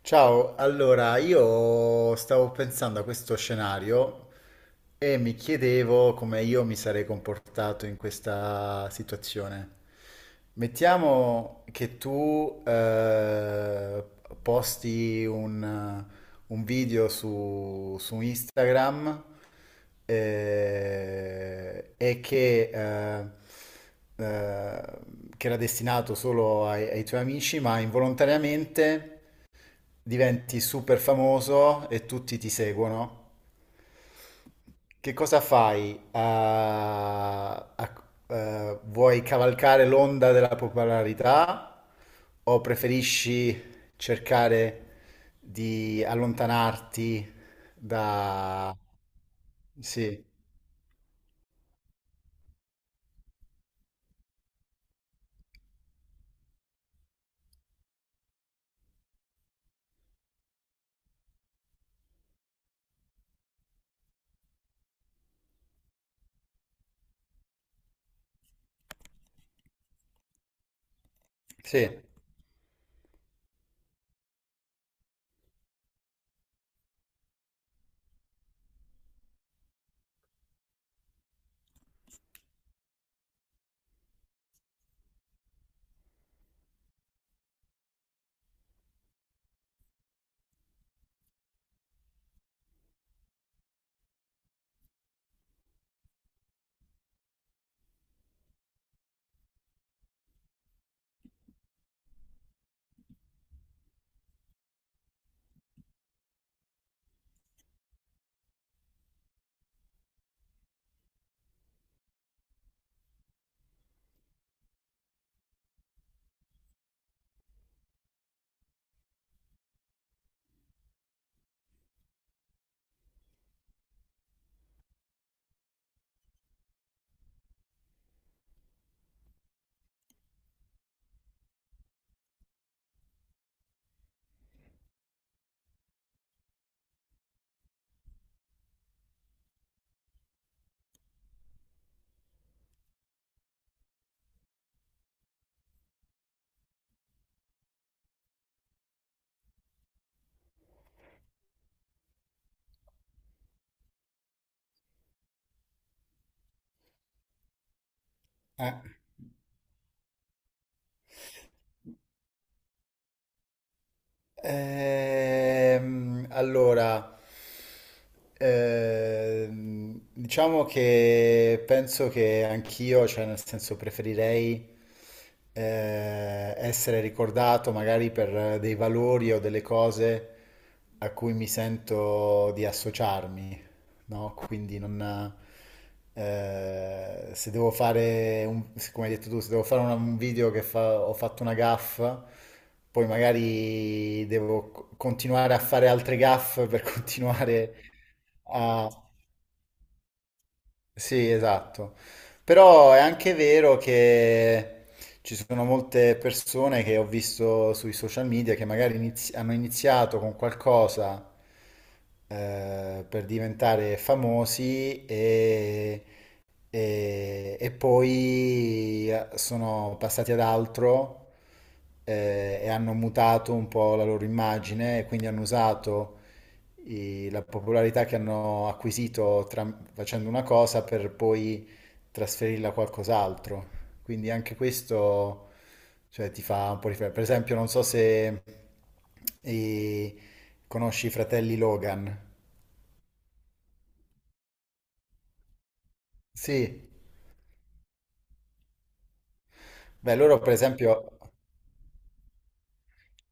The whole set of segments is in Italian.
Ciao, allora io stavo pensando a questo scenario e mi chiedevo come io mi sarei comportato in questa situazione. Mettiamo che tu posti un video su Instagram e che, eh, era destinato solo ai tuoi amici, ma involontariamente diventi super famoso e tutti ti seguono. Che cosa fai? Vuoi cavalcare l'onda della popolarità o preferisci cercare di allontanarti da... Sì, sì. Eh. Allora, diciamo che penso che anch'io, cioè nel senso preferirei essere ricordato magari per dei valori o delle cose a cui mi sento di associarmi, no? Quindi non... se devo fare, un, come hai detto tu, se devo fare un video che ho fatto una gaffa, poi magari devo continuare a fare altre gaffe per continuare a... Sì, esatto. Però è anche vero che ci sono molte persone che ho visto sui social media che magari hanno iniziato con qualcosa per diventare famosi e e poi sono passati ad altro e hanno mutato un po' la loro immagine e quindi hanno usato la popolarità che hanno acquisito facendo una cosa per poi trasferirla a qualcos'altro. Quindi anche questo, cioè, ti fa un po' riflettere. Per esempio, non so se eh, conosci i fratelli Logan. Sì, beh, loro per esempio.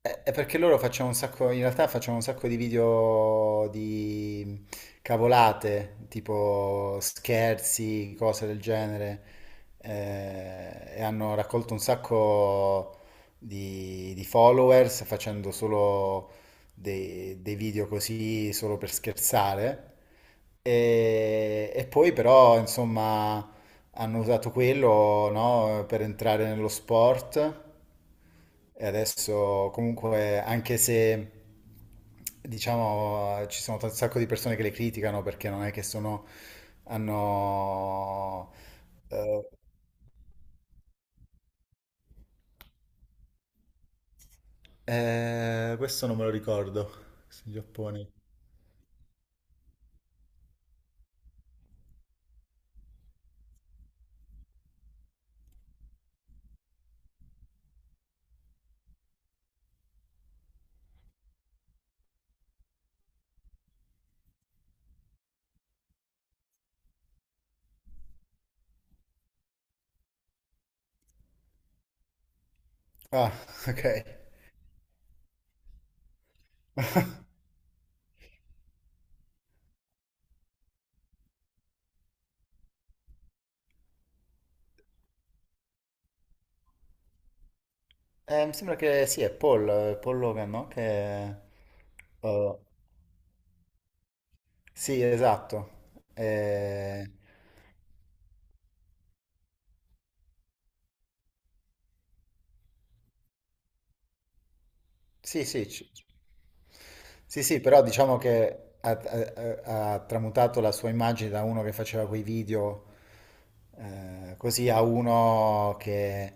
È perché loro facciamo un sacco, in realtà facciamo un sacco di video di cavolate, tipo scherzi, cose del genere, e hanno raccolto un sacco di followers facendo solo dei video così, solo per scherzare. E poi però, insomma, hanno usato quello, no, per entrare nello sport e adesso comunque anche se diciamo ci sono un sacco di persone che le criticano perché non è che sono hanno. eh, Questo non me lo ricordo, questo in Giappone. Ah, ok. Mi sembra che sì, è Paul, Paul Logan, no? Che, eh, sì, esatto. Sì, sì, sì, sì, però diciamo che ha tramutato la sua immagine da uno che faceva quei video così a uno che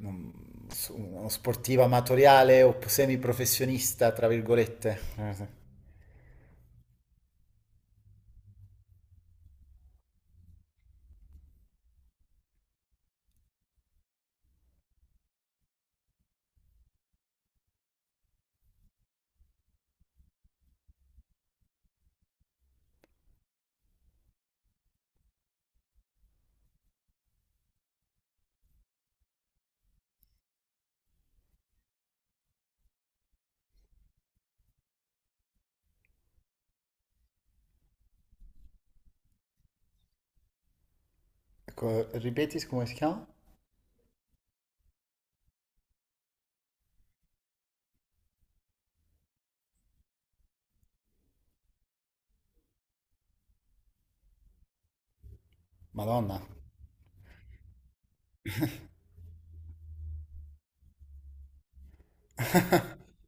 uno sportivo amatoriale o semiprofessionista, tra virgolette. Sì. Ecco, ripeti come si chiama? Madonna.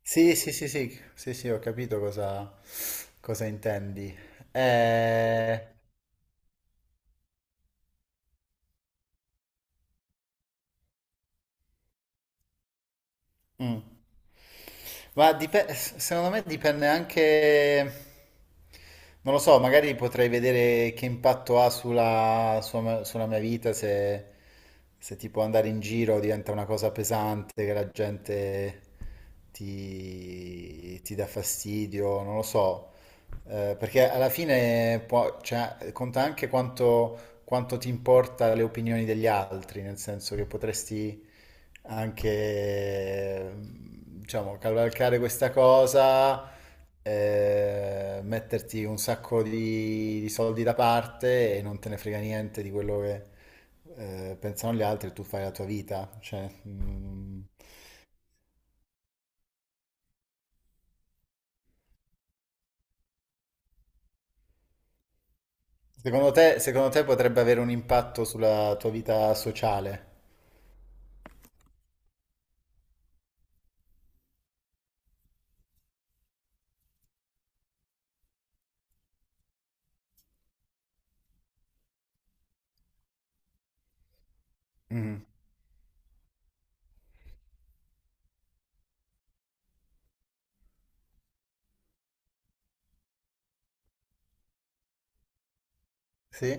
Sì, sì, sì, sì, sì, sì, ho capito cosa, cosa intendi. Eh, mm. Ma secondo me dipende anche, non lo so, magari potrei vedere che impatto ha sulla, sulla mia vita se, se tipo andare in giro diventa una cosa pesante, che la gente ti, ti dà fastidio, non lo so. Perché alla fine cioè, conta anche quanto quanto ti importa le opinioni degli altri, nel senso che potresti anche, diciamo, cavalcare questa cosa, metterti un sacco di soldi da parte e non te ne frega niente di quello che pensano gli altri, e tu fai la tua vita. Cioè, mm, secondo te potrebbe avere un impatto sulla tua vita sociale? Mm. Sì?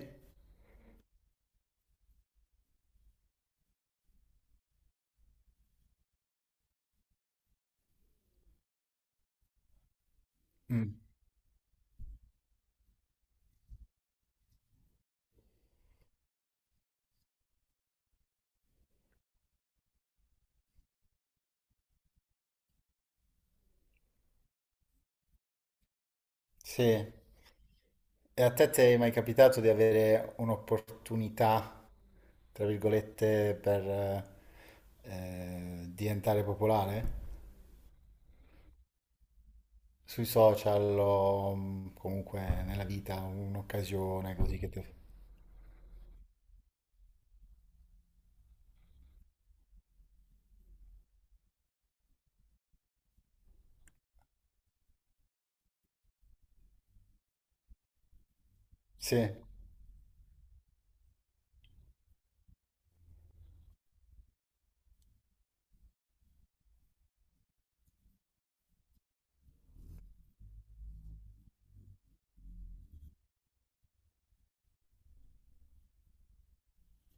Mm. Sì. E a te ti è mai capitato di avere un'opportunità, tra virgolette, per diventare popolare? Sui social o comunque nella vita, un'occasione così che ti... Sì,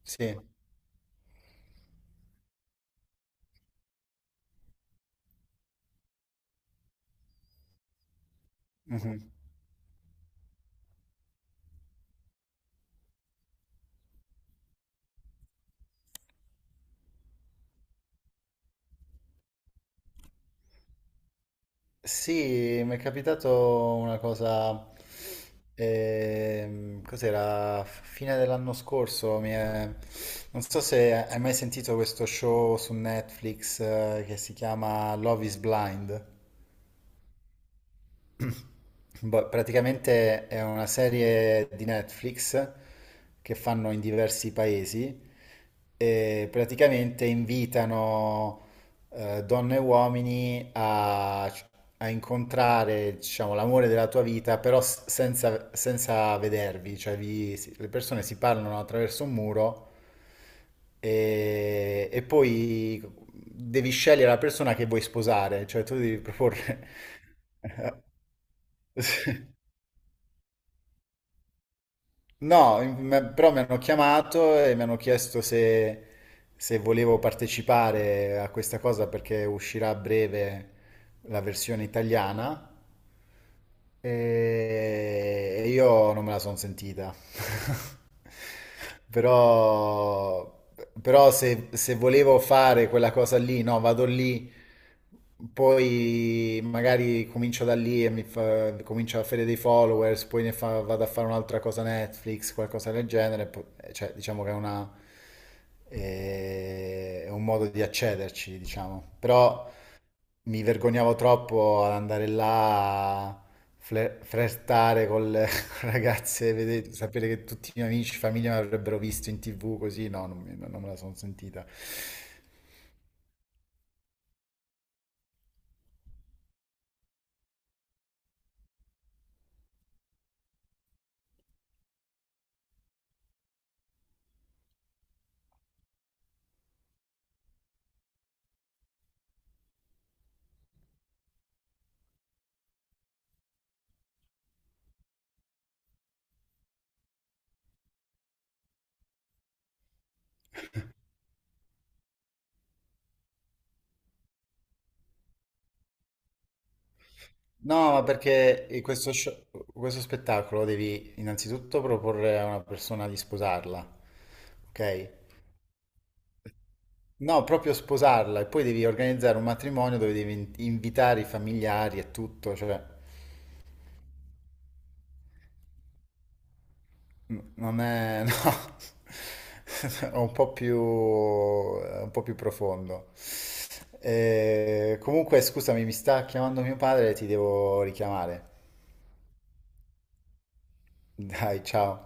sì. Mhm. Sì, mi è capitato una cosa, cos'era, fine dell'anno scorso, non so se hai mai sentito questo show su Netflix, che si chiama Love is Blind. Boh, praticamente è una serie di Netflix che fanno in diversi paesi e praticamente invitano donne e uomini a, a incontrare, diciamo, l'amore della tua vita, però senza, senza vedervi, cioè le persone si parlano attraverso un muro e poi devi scegliere la persona che vuoi sposare, cioè tu devi proporre... No, però mi hanno chiamato e mi hanno chiesto se, se volevo partecipare a questa cosa perché uscirà a breve la versione italiana e io non me la sono sentita. Però, però se, se volevo fare quella cosa lì, no, vado lì, poi magari comincio da lì e comincio a fare dei followers, poi vado a fare un'altra cosa Netflix, qualcosa del genere, cioè diciamo che è una, è un modo di accederci, diciamo. Però mi vergognavo troppo ad andare là a flirtare con le ragazze, sapere che tutti i miei amici, famiglia mi avrebbero visto in TV così, no, non, non me la sono sentita. No, ma perché questo spettacolo devi innanzitutto proporre a una persona di sposarla, ok? No, proprio sposarla e poi devi organizzare un matrimonio dove devi invitare i familiari e tutto, cioè... Non è, no, è un po' più, è un po' più profondo. Comunque, scusami, mi sta chiamando mio padre, ti devo richiamare. Dai, ciao.